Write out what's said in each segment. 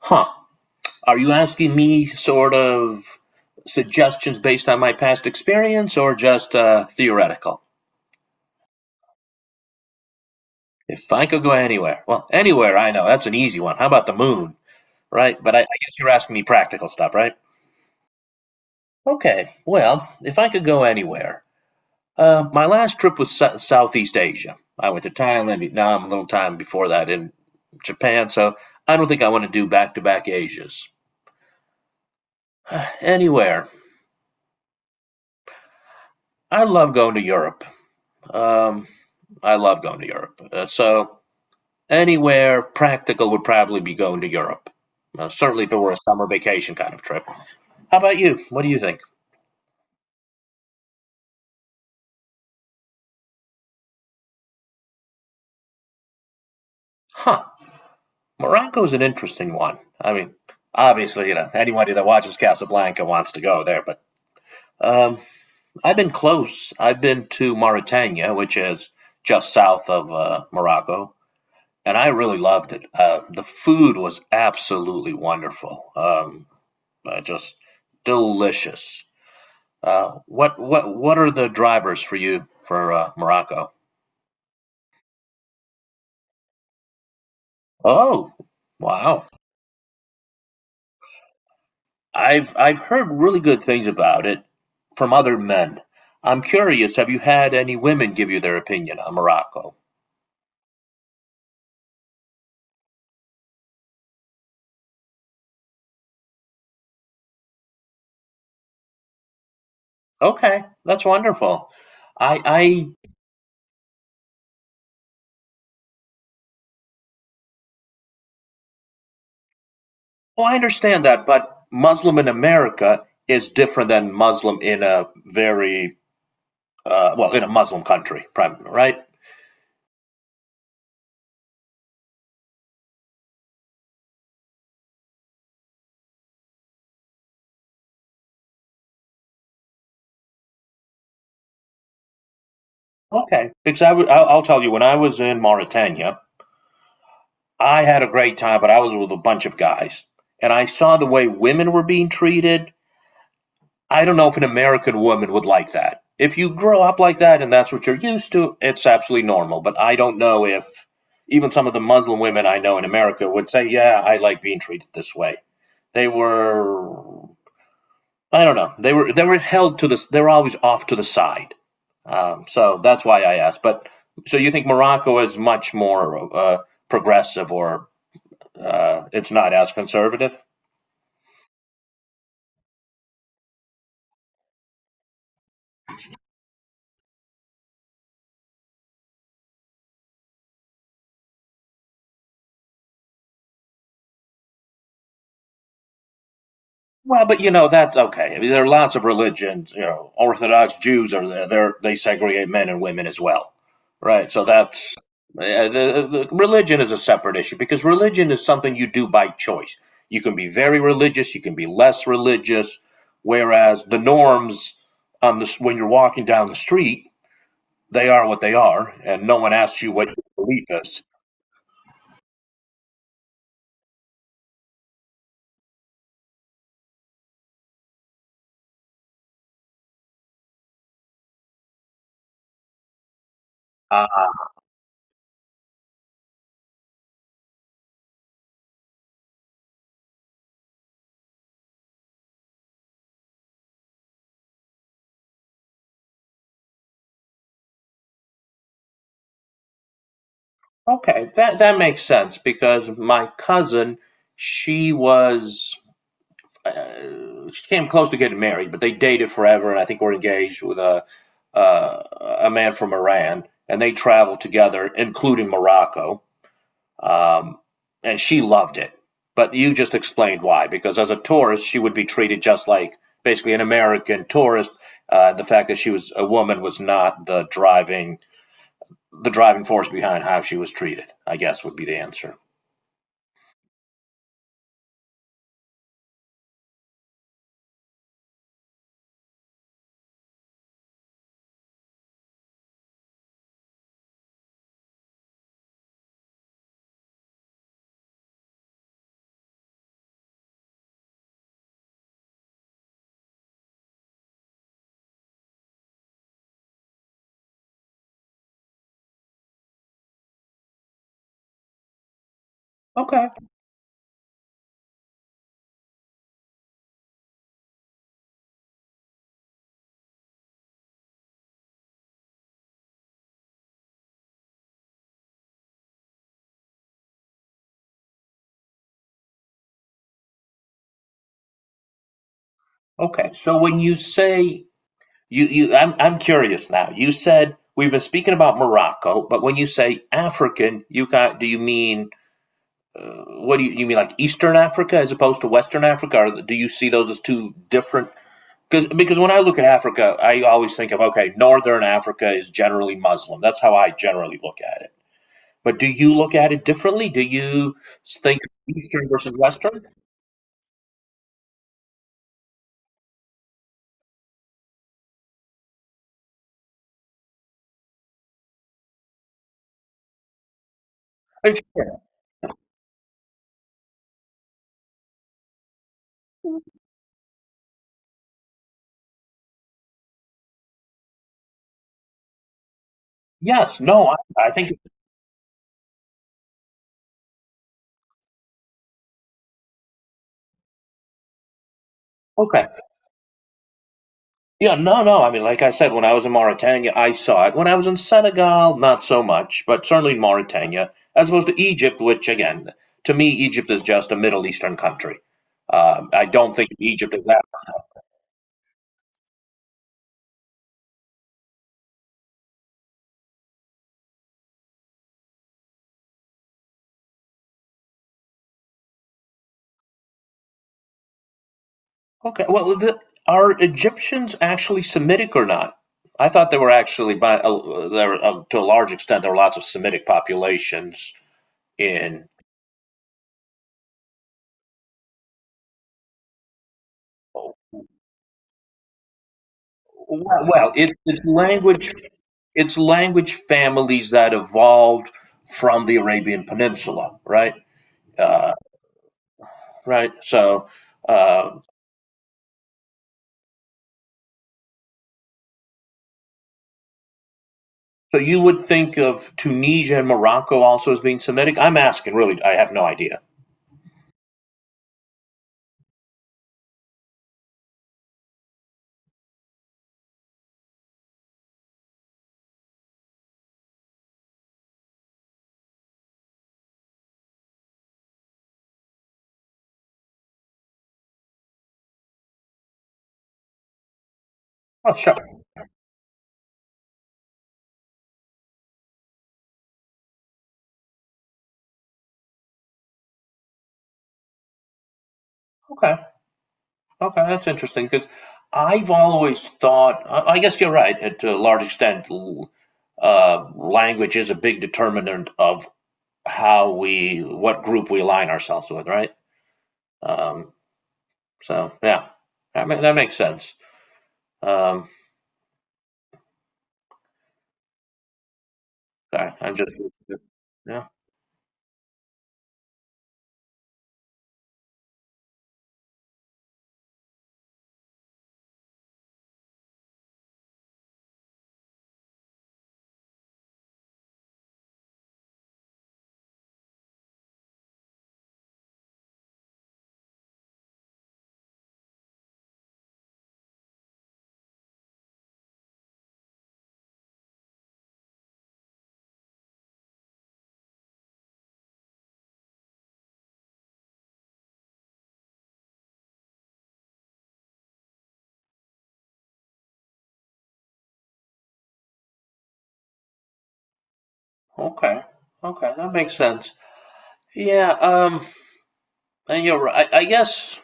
Huh. Are you asking me sort of suggestions based on my past experience or just theoretical? If I could go anywhere, well, anywhere, I know, that's an easy one. How about the moon? Right? But I guess you're asking me practical stuff, right? Okay, well, if I could go anywhere, my last trip was Southeast Asia. I went to Thailand, Vietnam, a little time before that in Japan, so I don't think I want to do back to back Asias. Anywhere. I love going to Europe. Um, I love going to Europe. So anywhere practical would probably be going to Europe. Certainly if it were a summer vacation kind of trip. How about you? What do you think? Huh. Morocco is an interesting one. I mean, obviously, anybody that watches Casablanca wants to go there, but um, I've been close. I've been to Mauritania, which is just south of Morocco, and I really loved it. The food was absolutely wonderful. Just delicious. What are the drivers for you for Morocco? Oh, wow! I've heard really good things about it from other men. I'm curious. Have you had any women give you their opinion on Morocco? Okay, that's wonderful. I Well, I understand that, but Muslim in America is different than Muslim in a very well, in a Muslim country, primarily, right? Okay, because I'll tell you when I was in Mauritania. I had a great time, but I was with a bunch of guys. And I saw the way women were being treated. I don't know if an American woman would like that. If you grow up like that and that's what you're used to, it's absolutely normal. But I don't know if even some of the Muslim women I know in America would say, "Yeah, I like being treated this way." They were, I don't know, they were held to this. They were always off to the side. So that's why I asked. But so you think Morocco is much more progressive or it's not as conservative. Well, but you know that's okay. I mean, there are lots of religions. You know, Orthodox Jews are there. They segregate men and women as well, right? So that's uh, the, the religion is a separate issue because religion is something you do by choice. You can be very religious. You can be less religious. Whereas the norms on this when you're walking down the street, they are what they are, and no one asks you what your belief is. Okay, that that makes sense because my cousin, she was she came close to getting married, but they dated forever, and I think were engaged with uh, a man from Iran, and they traveled together, including Morocco, um, and she loved it. But you just explained why, because as a tourist, she would be treated just like basically an American tourist. The fact that she was a woman was not the driving force behind how she was treated. I guess would be the answer. Okay. Okay. So when you say you you I'm curious now. You said we've been speaking about Morocco, but when you say African, you got do you mean you mean like Eastern Africa as opposed to Western Africa? Or do you see those as two different because when I look at Africa, I always think of okay, Northern Africa is generally Muslim. That's how I generally look at it. But do you look at it differently? Do you think Eastern versus Western? Sure. Yes. No. I think Okay. Yeah, no, no. I mean, like I said, when I was in Mauritania, I saw it. When I was in Senegal, not so much, but certainly in Mauritania, as opposed to Egypt, which, again, to me, Egypt is just a Middle Eastern country. I don't think Egypt is that. Okay, well, the, are Egyptians actually Semitic or not? I thought they were actually, by there to a large extent, there were lots of Semitic populations in. Well, well it, it's language it's language families that evolved from the Arabian Peninsula, right? Uh, right. Uh, so you would think of Tunisia and Morocco also as being Semitic. I'm asking, really, I have no idea. Oh, sure. Okay. Okay, that's interesting because I've always thought. I guess you're right. To a large extent, language is a big determinant of what group we align ourselves with, right? Um, yeah, that makes sense. Um, sorry, I'm just Yeah. Okay, okay, that makes sense. Yeah. Um, and you're right. I guess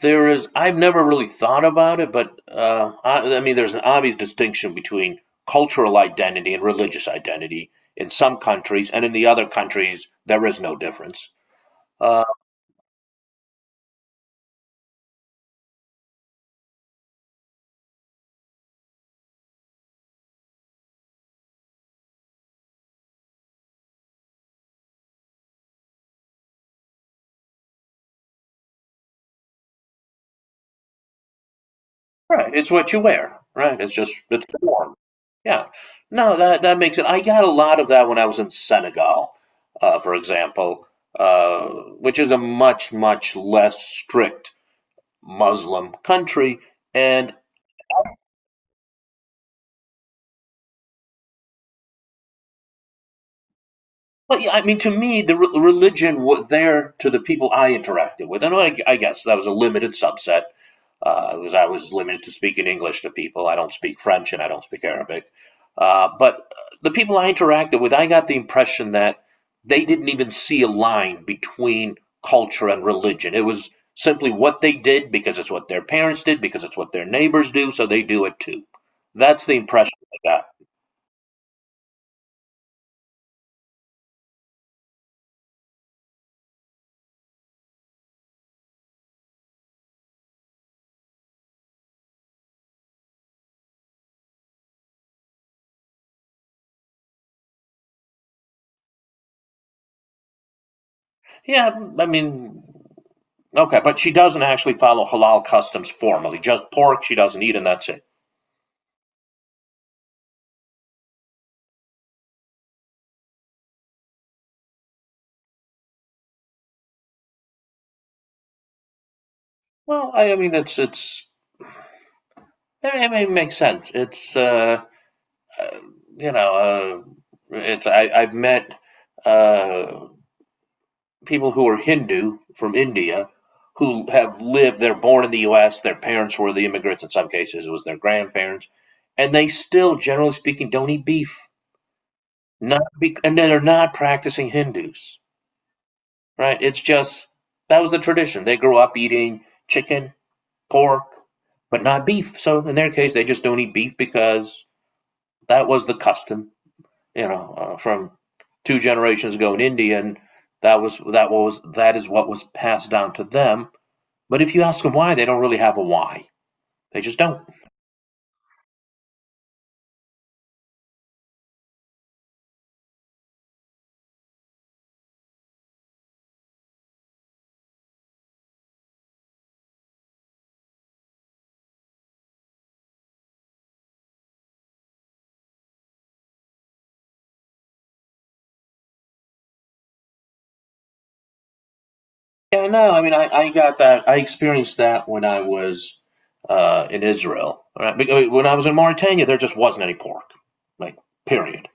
there is. I've never really thought about it, but I mean, there's an obvious distinction between cultural identity and religious identity in some countries, and in the other countries, there is no difference. Uh, right. It's what you wear. Right. It's just it's the norm. Yeah. No, that that makes it. I got a lot of that when I was in Senegal, for example, uh, which is a much, much less strict Muslim country, and well, yeah, I mean, to me, the religion was there to the people I interacted with, and I guess that was a limited subset because I was limited to speaking English to people. I don't speak French and I don't speak Arabic, but the people I interacted with, I got the impression that they didn't even see a line between culture and religion. It was simply what they did because it's what their parents did, because it's what their neighbors do, so they do it too. That's the impression I got. Yeah, I mean, okay, but she doesn't actually follow halal customs formally. Just pork she doesn't eat, and that's it. Well, it makes sense. It's uh, you know, it's I, I've met uh, people who are Hindu from India who have lived. They're born in the U.S. Their parents were the immigrants. In some cases, it was their grandparents, and they still, generally speaking, don't eat beef. Not be, And they're not practicing Hindus, right? It's just that was the tradition. They grew up eating chicken, pork, but not beef. So in their case, they just don't eat beef because that was the custom, from two generations ago in India, and that is what was passed down to them. But if you ask them why, they don't really have a why. They just don't. Yeah, no. I mean, I got that. I experienced that when I was in Israel. Right? When I was in Mauritania, there just wasn't any pork. Like, period.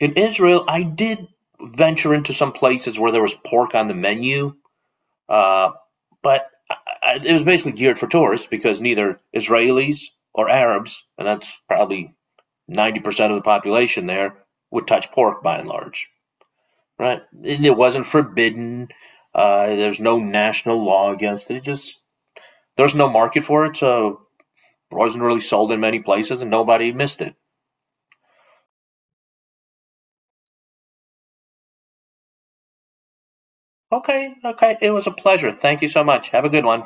In Israel, I did venture into some places where there was pork on the menu, uh, but I, it was basically geared for tourists because neither Israelis or Arabs, and that's probably 90% of the population there, would touch pork by and large, right? And it wasn't forbidden. There's no national law against it. It just there's no market for it, so it wasn't really sold in many places, and nobody missed it. Okay, okay, it was a pleasure. Thank you so much. Have a good one.